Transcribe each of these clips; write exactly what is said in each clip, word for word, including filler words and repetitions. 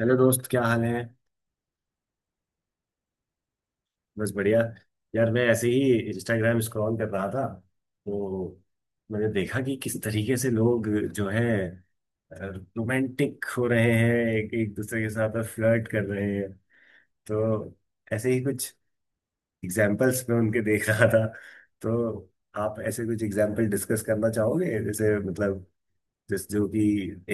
Hello दोस्त, क्या हाल है। बस बढ़िया। यार, मैं ऐसे ही इंस्टाग्राम स्क्रॉल कर रहा था तो मैंने देखा कि किस तरीके से लोग जो है रोमांटिक हो रहे हैं, एक एक दूसरे के साथ फ्लर्ट कर रहे हैं। तो ऐसे ही कुछ एग्जाम्पल्स मैं उनके देख रहा था। तो आप ऐसे कुछ एग्जाम्पल डिस्कस करना चाहोगे, जैसे मतलब जिस जो कि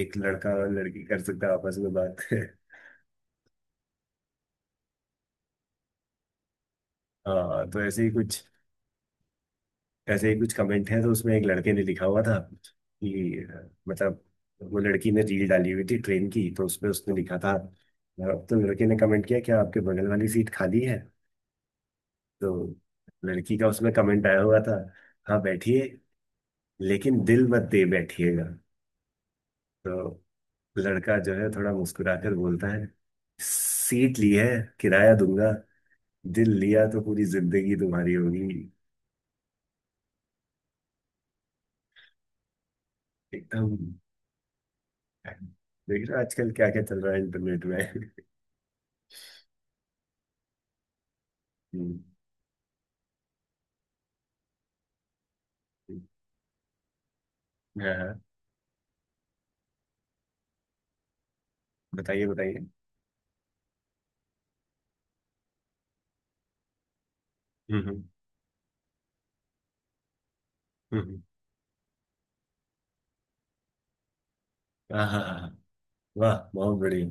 एक लड़का और लड़की कर सकता है आपस में बात। हाँ, तो ऐसे ही कुछ, ऐसे ही कुछ कमेंट है तो उसमें एक लड़के ने लिखा हुआ था कि अ, मतलब वो लड़की ने रील डाली हुई थी ट्रेन की, तो उसमें उसने लिखा था अ, तो लड़के ने कमेंट किया, क्या आपके बगल वाली सीट खाली है। तो लड़की का उसमें कमेंट आया हुआ था, हाँ बैठिए, लेकिन दिल मत दे बैठिएगा। तो लड़का जो है थोड़ा मुस्कुराकर बोलता है, सीट ली है किराया दूंगा, दिल लिया तो पूरी जिंदगी तुम्हारी होगी। एकदम। देख रहे हो, आजकल क्या क्या चल रहा है इंटरनेट में। हम्म। हाँ हाँ, बताइए बताइए। हम्म हम्म। हम्म। हाँ हाँ हाँ, हाँ। वाह, बहुत बढ़िया।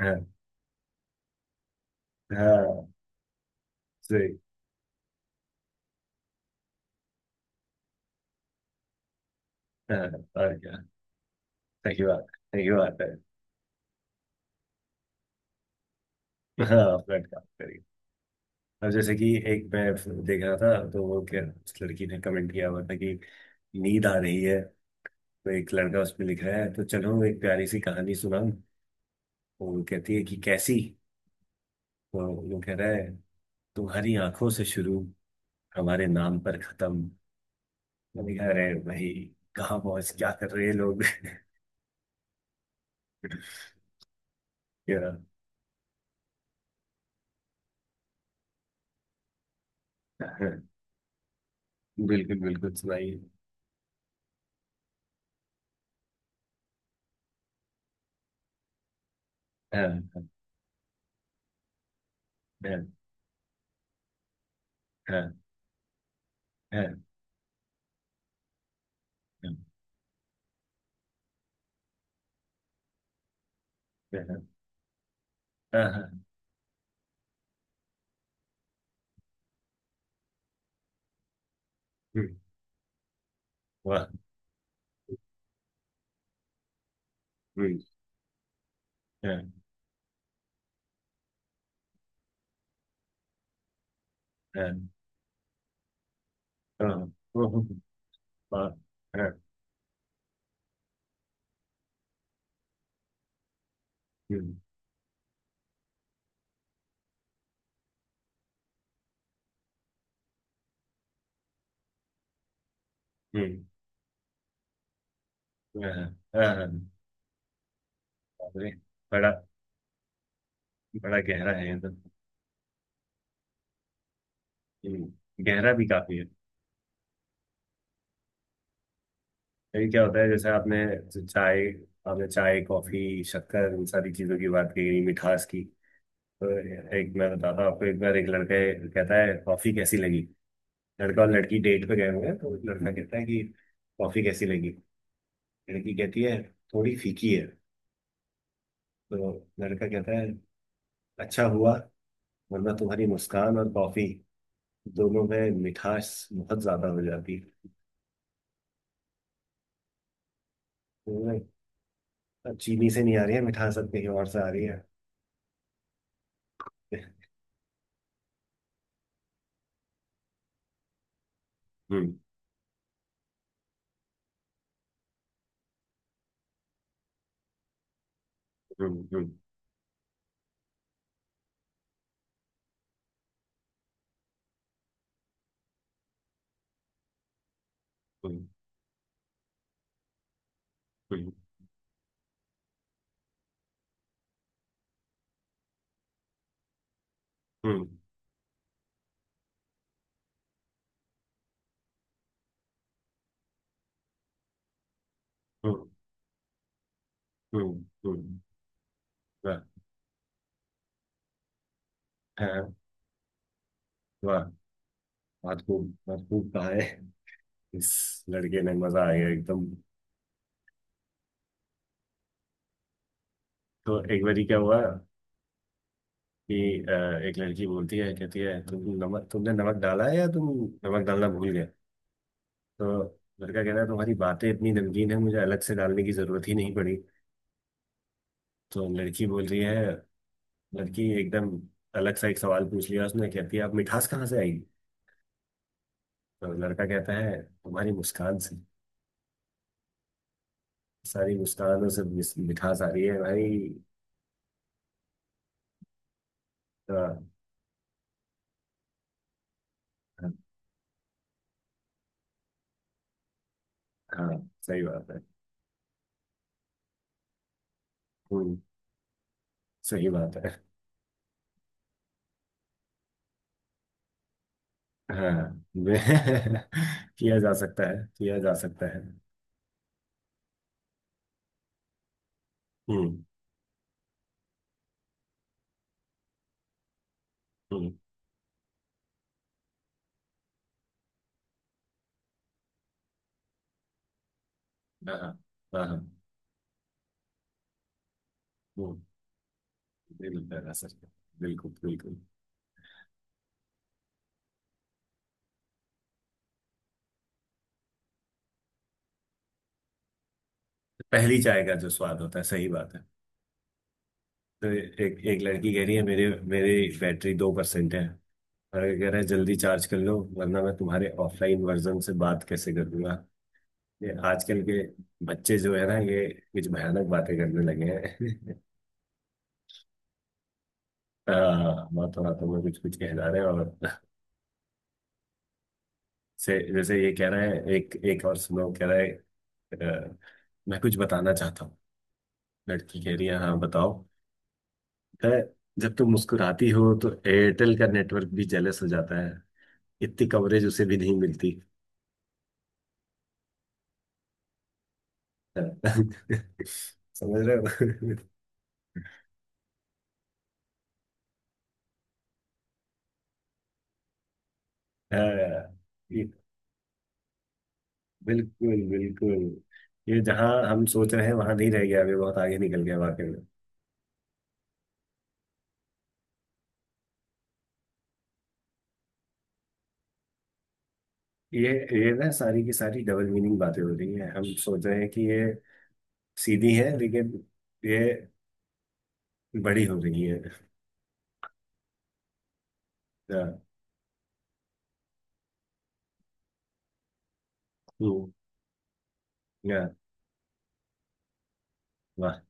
हाँ हाँ, सही। हाँ, और क्या। सही बात है। सही बात है। हाँ, फ्लर्ट काम करिए। अब जैसे कि एक मैं देख रहा था तो वो क्या, उस लड़की ने कमेंट किया हुआ था कि नींद आ रही है। तो एक लड़का उसमें लिख रहा है, तो चलो एक प्यारी सी कहानी सुनाऊं। तो वो कहती है कि कैसी। तो वो कह रहा है, तुम्हारी आंखों से शुरू, हमारे नाम पर खत्म। मैंने कहा, अरे भाई कहाँ पहुंच क्या कर रहे हैं लोग। या। हाँ, बिल्कुल बिल्कुल, सुनाइए। हाँ हाँ हाँ हाँ हाँ हाँ, हाँ, हाँ। हम्म, वाह। हम्म, हाँ हाँ हाँ, ओहो, वाह, हाँ। हम्म, हम्म, हाँ हाँ, हाँ, बाप रे। बड़ा बड़ा गहरा है ये तो। हम्म, गहरा भी काफी है। ये क्या होता है, जैसे आपने जो चाय आपने चाय, कॉफी, शक्कर इन सारी चीजों की बात की मिठास की। तो एक मैं बताता हूँ आपको, एक बार एक लड़का कहता है, कॉफी कैसी लगी। लड़का और लड़की डेट पे गए हुए हैं, तो लड़का कहता है कि कॉफी कैसी लगी। लड़की कहती है, थोड़ी फीकी है। तो लड़का कहता है, अच्छा हुआ वरना तुम्हारी मुस्कान और कॉफी दोनों में मिठास बहुत ज्यादा हो जाती। तो मैं, अब चीनी से नहीं आ रही है मिठास, अब कहीं और से आ रही है। हम्म हम्म हम्म हम्म हम्म हम्म हम्म हम्म हम्म। वाह, हाँ, वाह, बहुत खूब बहुत खूब कहा है इस लड़के ने, मजा आ गया एकदम। तो एक बारी क्या हुआ कि अ, एक लड़की बोलती है कहती है, तुम नमक तुमने नमक डाला है या तुम नमक डालना भूल गए। तो लड़का कह रहा है, तुम्हारी बातें इतनी नमकीन है मुझे अलग से डालने की जरूरत ही नहीं पड़ी। तो लड़की बोल रही है, लड़की एकदम अलग सा एक सवाल पूछ लिया उसने, कहती है, आप मिठास कहाँ से आई। तो लड़का कहता है, तुम्हारी मुस्कान से, सारी मुस्कानों से मिस- मिठास आ रही है भाई। तो, हाँ हाँ, सही बात है। हम्म, सही बात है। हाँ, वे- किया जा सकता है, किया जा सकता है। हम्म हम्म। हाँ हाँ हाँ हाँ, हम्म, बिल्कुल ऐसा ही है। सर, बिल्कुल बिल्कुल। पहली चाय का जो स्वाद होता है, सही बात है। तो एक एक लड़की कह रही है, मेरे मेरी बैटरी दो परसेंट है। और ये कह रहा है, जल्दी चार्ज कर लो वरना मैं तुम्हारे ऑफलाइन वर्जन से बात कैसे करूंगा। ये आजकल के बच्चे जो है ना ये कुछ भयानक बातें करने लगे हैं। हाँ, बातों बातों में कुछ कुछ कह जा रहे हैं, और से जैसे ये कह रहा है, एक एक और सुनो, कह रहा है, अ, मैं कुछ बताना चाहता हूँ। लड़की कह रही है, हाँ बताओ। कह रहा है, जब तुम मुस्कुराती हो तो एयरटेल का नेटवर्क भी जेलस हो जाता है, इतनी कवरेज उसे भी नहीं मिलती। समझ रहे हो। हाँ, ये बिल्कुल बिल्कुल, ये जहाँ हम सोच रहे हैं वहां नहीं रह गया अभी, बहुत आगे निकल गया वाकई में। ये ये ना, सारी की सारी डबल मीनिंग बातें हो रही है, हम सोच रहे हैं कि ये सीधी है लेकिन ये बड़ी हो गई है। हाँ। हम्म, या वाह।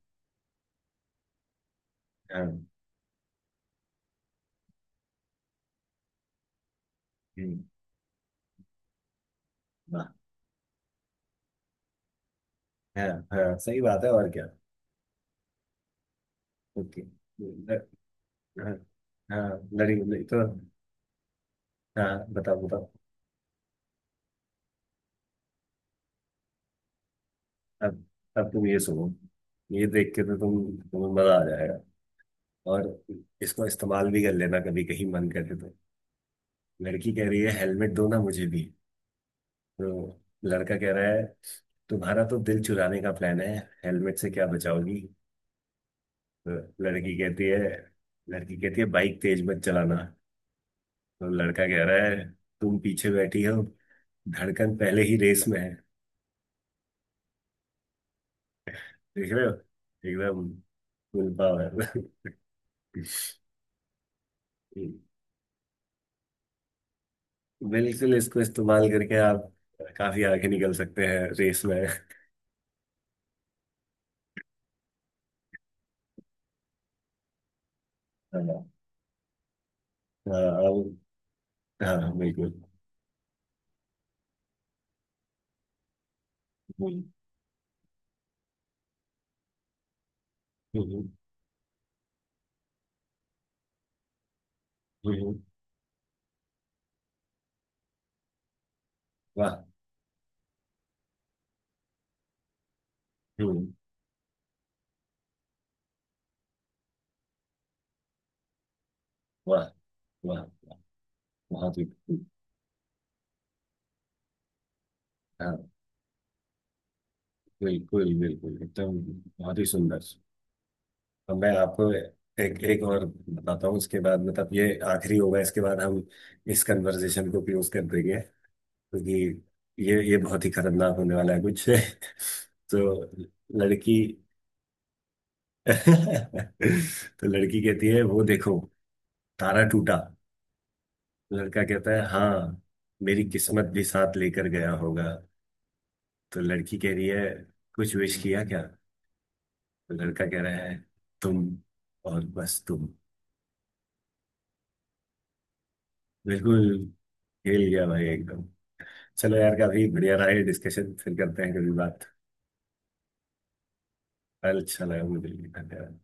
हाँ, हम्म, वाह। हाँ हाँ, सही बात है, और क्या। ओके। ल- हाँ हाँ। लड़ी लड़ी तो। हाँ, बताओ बताओ। अब अब तुम ये सुनो, ये देख के तो तुम तुम्हें मजा आ जाएगा। और इसको इस्तेमाल भी कर लेना, कभी कहीं मन करे तो। लड़की कह रही है, हेलमेट दो ना मुझे भी। तो लड़का कह रहा है, तुम्हारा तो दिल चुराने का प्लान है, हेलमेट से क्या बचाओगी। लड़की कहती है लड़की कहती है, बाइक तेज मत चलाना। तो लड़का कह रहा है, तुम पीछे बैठी हो, धड़कन पहले ही रेस में है। देख रहे हो, एकदम फुल पावर। बिल्कुल, इसको इस्तेमाल करके आप काफी आगे निकल सकते हैं रेस में। हाँ। अब- हाँ, बिल्कुल। हम्म, हम्म, हम्म, हम्म, वाह। हम्म, वाह वाह, वाह, बहुत ही। हाँ, बिल्कुल बिल्कुल एकदम, बहुत ही सुंदर। तो मैं आपको एक एक और बताता हूँ, उसके बाद मतलब ये आखिरी होगा, इसके बाद हम इस कन्वर्सेशन को क्लोज कर देंगे क्योंकि ये ये बहुत ही खतरनाक होने वाला है कुछ। तो लड़की तो लड़की कहती है, वो देखो तारा टूटा। लड़का कहता है, हाँ मेरी किस्मत भी साथ लेकर गया होगा। तो लड़की कह रही है, कुछ विश किया क्या। तो लड़का कह रहा है, तुम, और बस तुम। बिल्कुल, हिल गया भाई एकदम। चलो यार, काफी बढ़िया रहा ये डिस्कशन, फिर करते हैं कभी बात। अच्छा लगा मुझे भी। धन्यवाद।